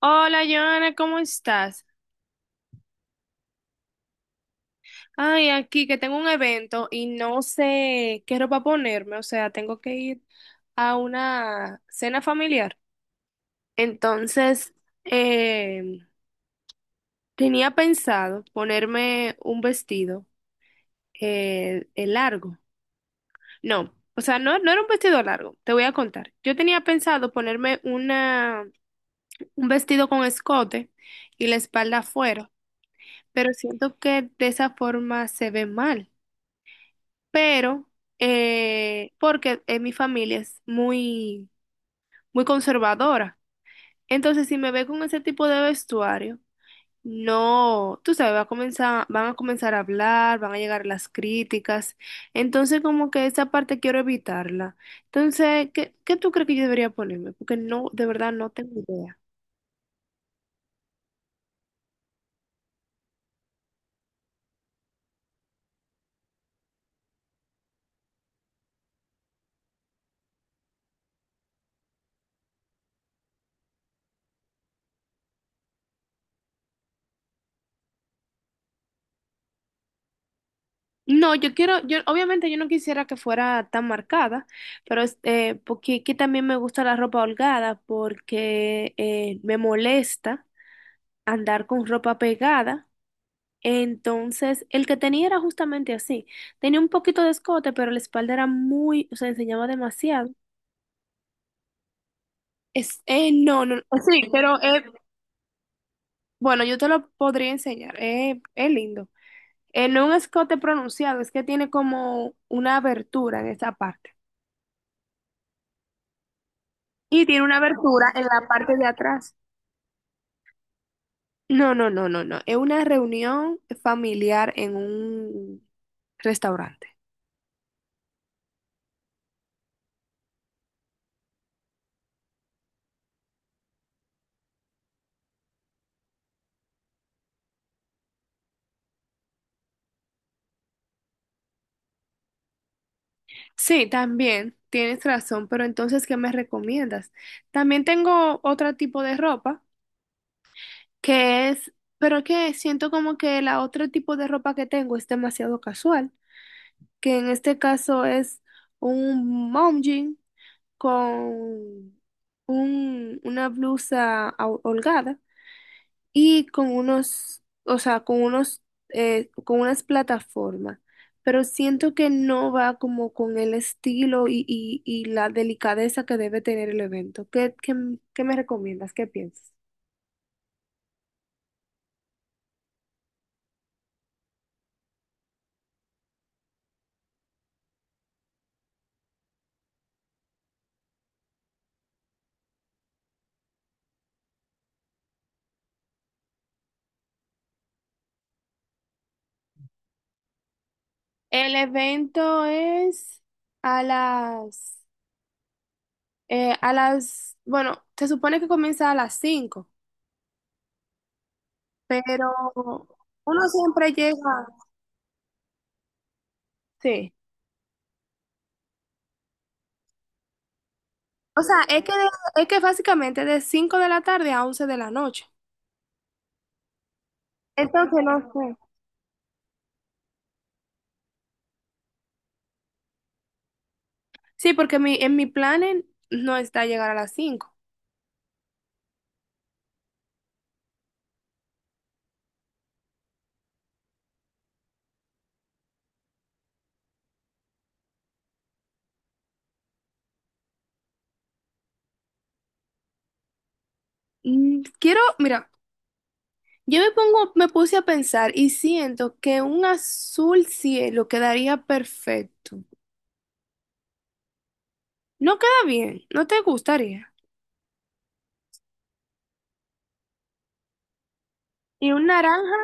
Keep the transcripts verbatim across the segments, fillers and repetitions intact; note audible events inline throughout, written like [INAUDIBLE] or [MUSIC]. Hola, Joana, ¿cómo estás? Ay, aquí que tengo un evento y no sé qué ropa ponerme, o sea, tengo que ir a una cena familiar. Entonces, eh, tenía pensado ponerme un vestido eh, eh, largo. No, o sea, no, no era un vestido largo, te voy a contar. Yo tenía pensado ponerme una, un vestido con escote y la espalda afuera, pero siento que de esa forma se ve mal. pero eh, porque en mi familia es muy, muy conservadora. Entonces, si me ve con ese tipo de vestuario, no, tú sabes, va a comenzar, van a comenzar a hablar, van a llegar las críticas. Entonces, como que esa parte quiero evitarla. Entonces, ¿qué, qué tú crees que yo debería ponerme? Porque no, de verdad no tengo idea. No, yo quiero, yo obviamente yo no quisiera que fuera tan marcada, pero este, porque aquí también me gusta la ropa holgada porque eh, me molesta andar con ropa pegada. Entonces, el que tenía era justamente así. Tenía un poquito de escote, pero la espalda era muy, o sea, enseñaba demasiado. Es, eh, no, no, no, sí, pero eh, bueno, yo te lo podría enseñar. Eh, es lindo. Eh, no es un escote pronunciado, es que tiene como una abertura en esa parte. Y tiene una abertura en la parte de atrás. No, no, no, no, no. Es una reunión familiar en un restaurante. Sí, también tienes razón, pero entonces, ¿qué me recomiendas? También tengo otro tipo de ropa que es, pero que siento como que la otro tipo de ropa que tengo es demasiado casual, que en este caso es un mom jean con un- una blusa hol- holgada. Y con unos, o sea, con unos, eh, con unas plataformas, pero siento que no va como con el estilo y, y, y la delicadeza que debe tener el evento. ¿Qué, qué, qué me recomiendas? ¿Qué piensas? El evento es a las, eh, a las, bueno, se supone que comienza a las cinco, pero uno siempre llega, sí. O sea, es que, es que básicamente de cinco de la tarde a once de la noche. Entonces, no sé. Sí, porque mi, en mi plan en- no está llegar a las cinco. Mm, Quiero, mira, yo me pongo, me puse a pensar y siento que un azul cielo quedaría perfecto. No queda bien, no te gustaría. Y un naranja,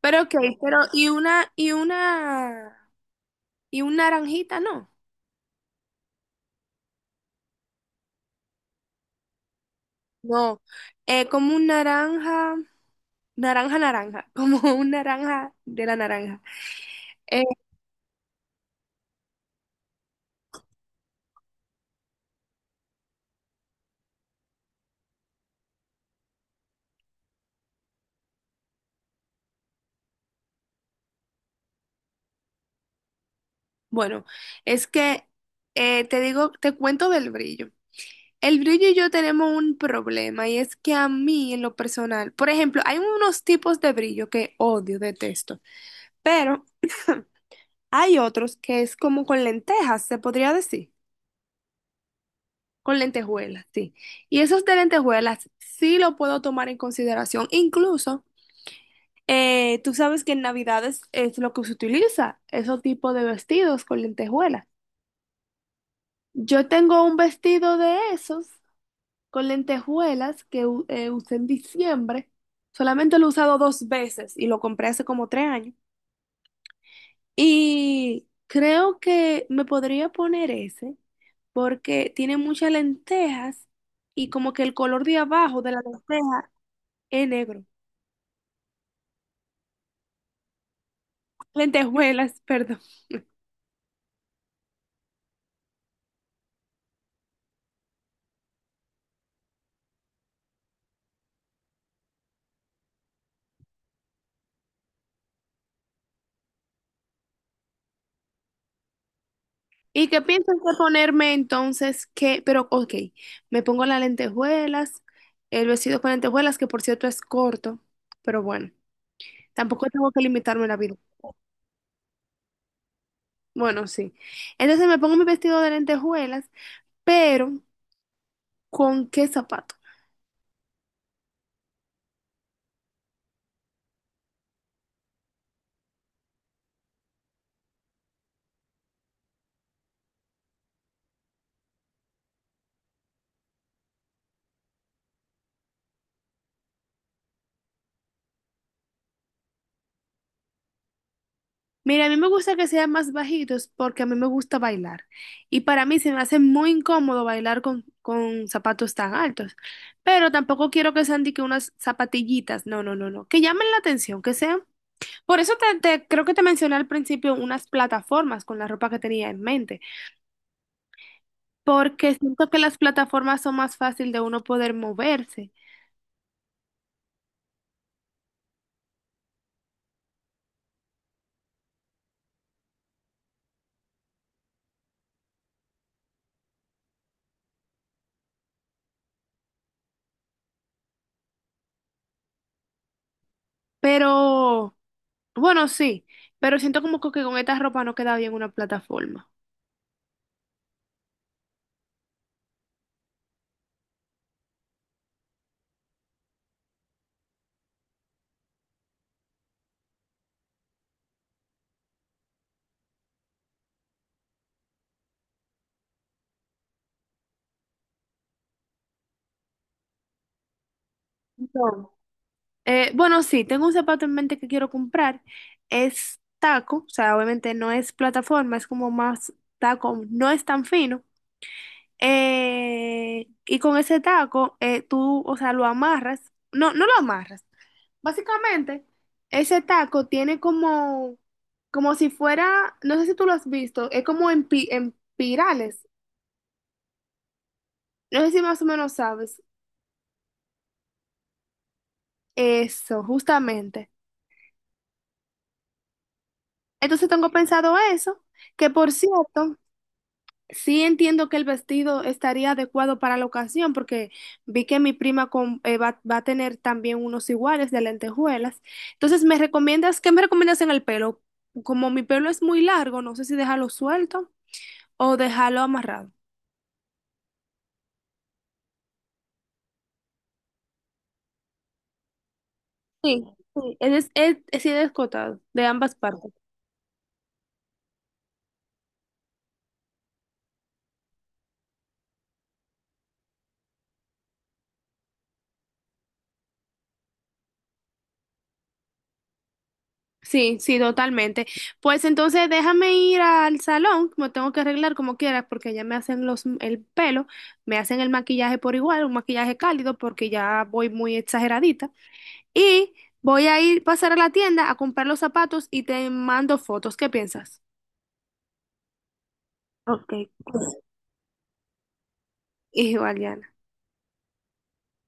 pero ok, pero y una, y una, y un naranjita, no. No, eh, como un naranja, naranja, naranja, [LAUGHS] como un naranja de la naranja. Eh, bueno, es que eh, te digo, te cuento del brillo. El brillo y yo tenemos un problema y es que a mí en lo personal, por ejemplo, hay unos tipos de brillo que odio, detesto, pero hay otros que es como con lentejas, se podría decir, con lentejuelas, sí. Y esos de lentejuelas sí lo puedo tomar en consideración. Incluso, eh, tú sabes que en Navidades es lo que se utiliza, esos tipos de vestidos con lentejuelas. Yo tengo un vestido de esos con lentejuelas que u- eh, usé en diciembre. Solamente lo he usado dos veces y lo compré hace como tres años. Y creo que me podría poner ese porque tiene muchas lentejas y como que el color de abajo de la lenteja es negro. Lentejuelas, [LAUGHS] perdón. ¿Y qué piensas de ponerme entonces? Que, pero ok, me pongo las lentejuelas, el vestido con lentejuelas, que por cierto es corto, pero bueno, tampoco tengo que limitarme la vida. Bueno, sí. Entonces me pongo mi vestido de lentejuelas, pero ¿con qué zapato? Mira, a mí me gusta que sean más bajitos porque a mí me gusta bailar. Y para mí se me hace muy incómodo bailar con, con zapatos tan altos. Pero tampoco quiero que sean de que unas zapatillitas. No, no, no, no. Que llamen la atención, que sean. Por eso te, te- creo que te mencioné al principio unas plataformas con la ropa que tenía en mente. Porque siento que las plataformas son más fácil de uno poder moverse. Pero. Bueno, sí, pero siento como que con esta ropa no queda bien una plataforma. No. Eh, bueno, sí, tengo un zapato en mente que quiero comprar. Es taco, o sea, obviamente no es plataforma, es como más taco, no es tan fino. Eh, y con ese taco, eh, tú, o sea, lo amarras. No, no lo amarras. Básicamente, ese taco tiene como, como si fuera, no sé si tú lo has visto, es como en, pi- en pirales. No sé si más o menos sabes. Eso, justamente. Entonces tengo pensado eso, que por cierto, sí entiendo que el vestido estaría adecuado para la ocasión, porque vi que mi prima con- eh, va, va a tener también unos iguales de lentejuelas. Entonces, ¿me recomiendas, qué me recomiendas en el pelo? Como mi pelo es muy largo, no sé si dejarlo suelto o dejarlo amarrado. Sí, sí, es, es, es sí, descotado, de ambas partes. Sí, sí, totalmente. Pues entonces déjame ir al salón, me tengo que arreglar como quieras porque ya me hacen los el pelo, me hacen el maquillaje por igual, un maquillaje cálido porque ya voy muy exageradita y voy a ir pasar a la tienda a comprar los zapatos y te mando fotos. ¿Qué piensas? Ok. [LAUGHS] Igual, ya.